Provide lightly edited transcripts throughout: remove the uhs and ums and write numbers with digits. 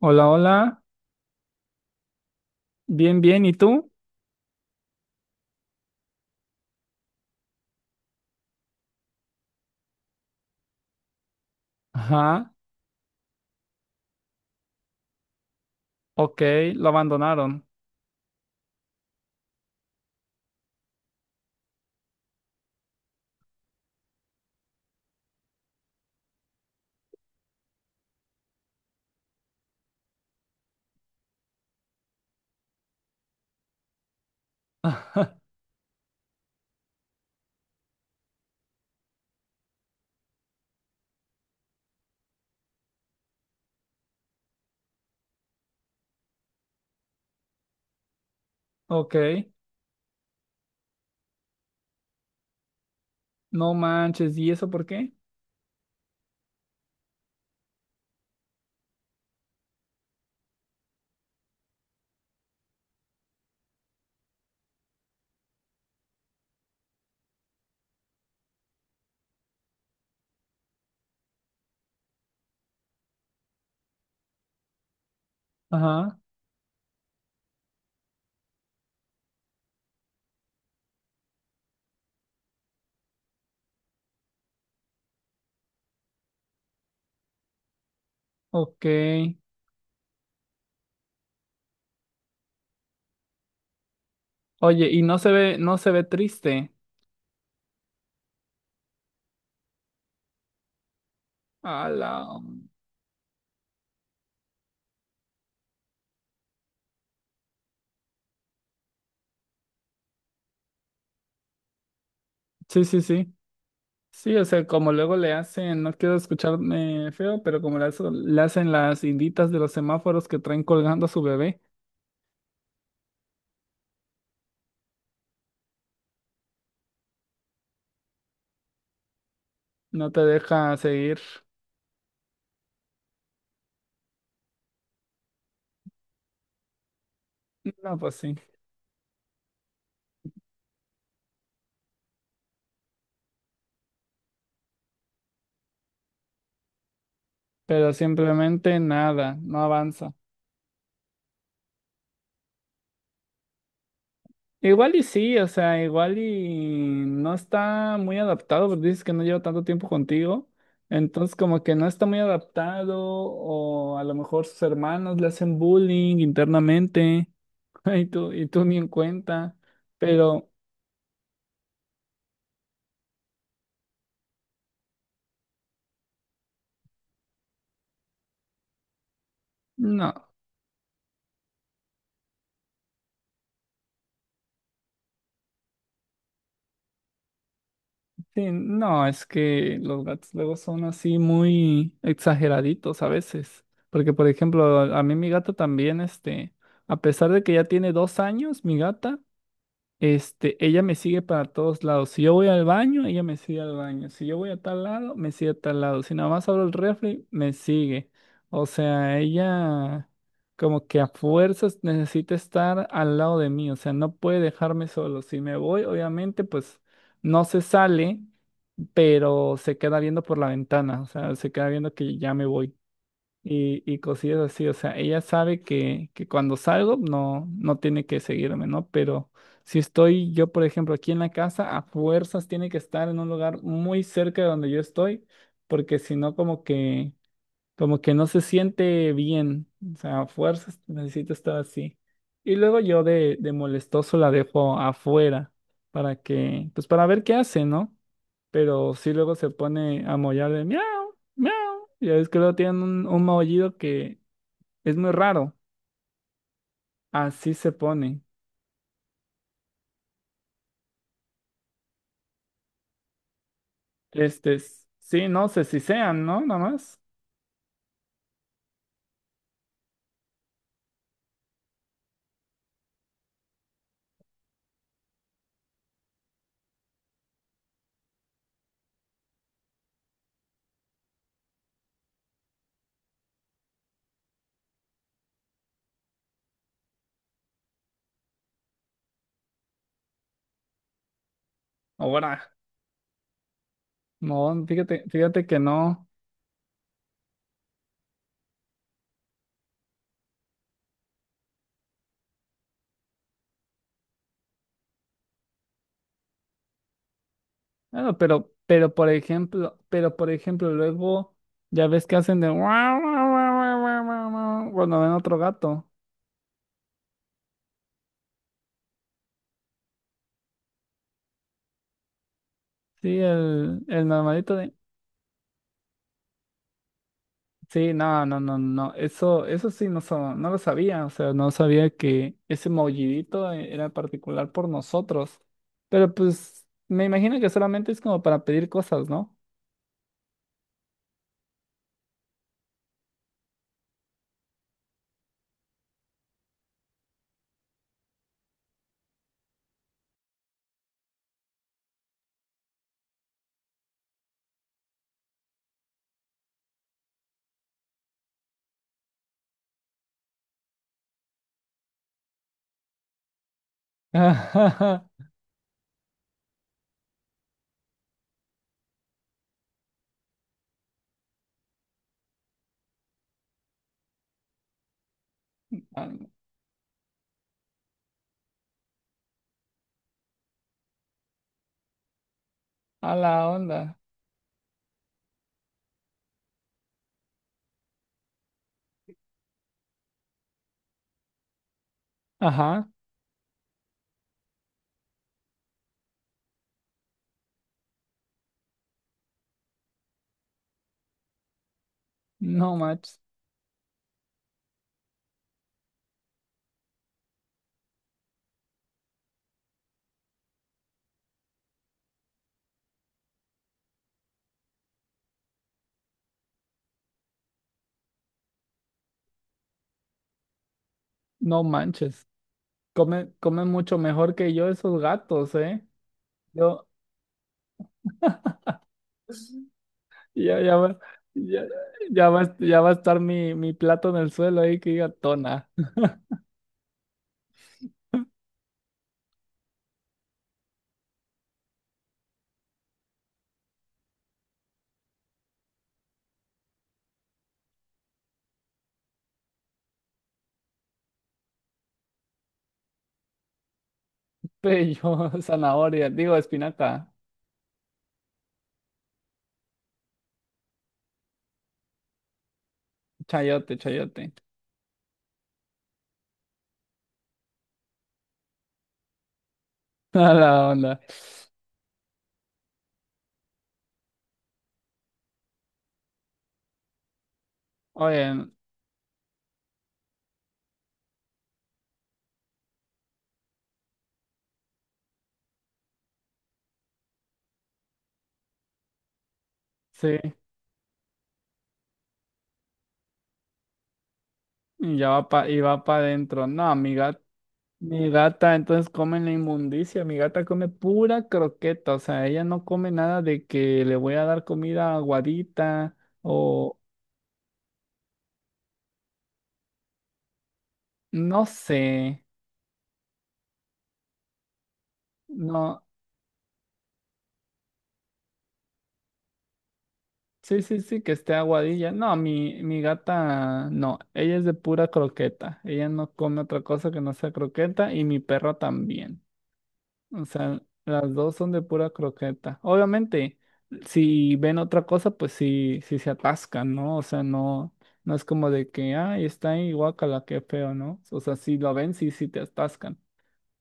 Hola, hola. Bien, bien. ¿Y tú? Ajá. Ok, lo abandonaron. Ok. No manches. ¿Y eso por qué? Ajá. Ok. Oye, y no se ve, triste. A la. Sí, sí, sí. Sí, o sea, como luego le hacen, no quiero escucharme feo, pero como le hacen las inditas de los semáforos que traen colgando a su bebé, no te deja seguir. No, pues sí. Pero simplemente nada, no avanza. Igual y sí, o sea, igual y no está muy adaptado, porque dices que no lleva tanto tiempo contigo. Entonces, como que no está muy adaptado, o a lo mejor sus hermanos le hacen bullying internamente, y tú ni en cuenta. Pero no, sí, no, es que los gatos luego son así muy exageraditos a veces. Porque, por ejemplo, a mí mi gata también, este, a pesar de que ya tiene dos años, mi gata. Este, ella me sigue para todos lados. Si yo voy al baño, ella me sigue al baño. Si yo voy a tal lado, me sigue a tal lado. Si nada más abro el refri, me sigue. O sea, ella como que a fuerzas necesita estar al lado de mí. O sea, no puede dejarme solo. Si me voy, obviamente, pues no se sale, pero se queda viendo por la ventana. O sea, se queda viendo que ya me voy y cosillas así. O sea, ella sabe que cuando salgo no tiene que seguirme, ¿no? Pero si estoy yo, por ejemplo, aquí en la casa, a fuerzas tiene que estar en un lugar muy cerca de donde yo estoy, porque si no, como que, no se siente bien. O sea, a fuerzas necesito estar así. Y luego yo de molestoso la dejo afuera para que, pues para ver qué hace, ¿no? Pero sí luego se pone a mollar de miau, miau. Ya ves que luego tienen un maullido que es muy raro. Así se pone. Sí, no sé si sean, ¿no? Nada más. Ahora, no, fíjate, fíjate que no. Bueno, pero por ejemplo, luego ya ves que hacen de guau, guau, guau, guau, guau, guau, guau, cuando ven otro gato. Sí, el normalito de. Sí, no, no, no, no. Eso sí no, no lo sabía. O sea, no sabía que ese maullidito era particular por nosotros. Pero pues me imagino que solamente es como para pedir cosas, ¿no? A a la onda. Ajá. No manches. No manches. Come mucho mejor que yo esos gatos, ¿eh? Yo, ya, ya va, ya, ya va a estar mi plato en el suelo ahí que diga tona. Yo, zanahoria, digo espinaca, chayote, chayote. A la onda. Oye, sí, y va para adentro. No, mi gata entonces come la inmundicia. Mi gata come pura croqueta. O sea, ella no come nada de que le voy a dar comida aguadita o no sé. No, sí, sí, sí, que esté aguadilla. No, mi gata, no, ella es de pura croqueta. Ella no come otra cosa que no sea croqueta y mi perro también. O sea, las dos son de pura croqueta. Obviamente, si ven otra cosa, pues sí, sí se atascan, ¿no? O sea, no, no es como de que, ay, está ahí, guácala, qué feo, ¿no? O sea, si lo ven, sí, sí te atascan.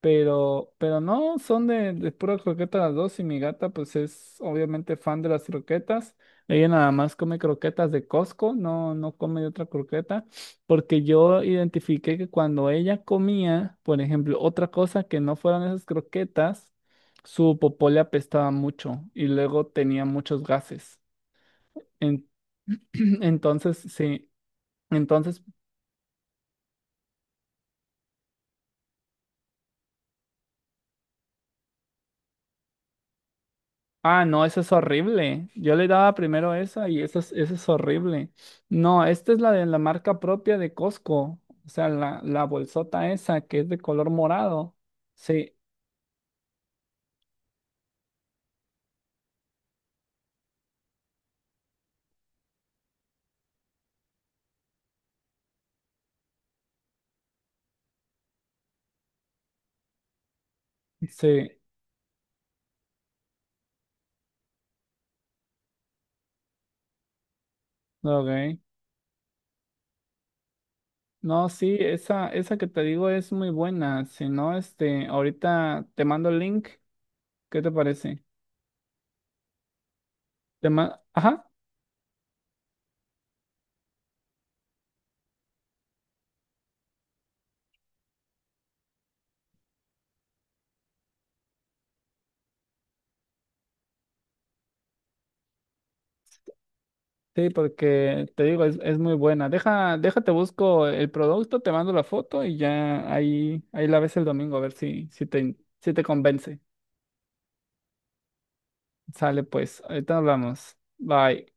Pero no, son de pura croqueta las dos y mi gata pues es obviamente fan de las croquetas. Ella nada más come croquetas de Costco, no, no come de otra croqueta, porque yo identifiqué que cuando ella comía, por ejemplo, otra cosa que no fueran esas croquetas, su popó le apestaba mucho y luego tenía muchos gases. En- entonces, sí, entonces. Ah, no, eso es horrible. Yo le daba primero esa y esa es horrible. No, esta es la de la marca propia de Costco. O sea, la bolsota esa que es de color morado. Sí, sí, ok. No, sí, esa que te digo es muy buena. Si no, este, ahorita te mando el link. ¿Qué te parece? Ajá. Sí, porque te digo, es muy buena. Déjate, busco el producto, te mando la foto y ya ahí la ves el domingo a ver si te convence. Sale pues, ahorita hablamos. Bye.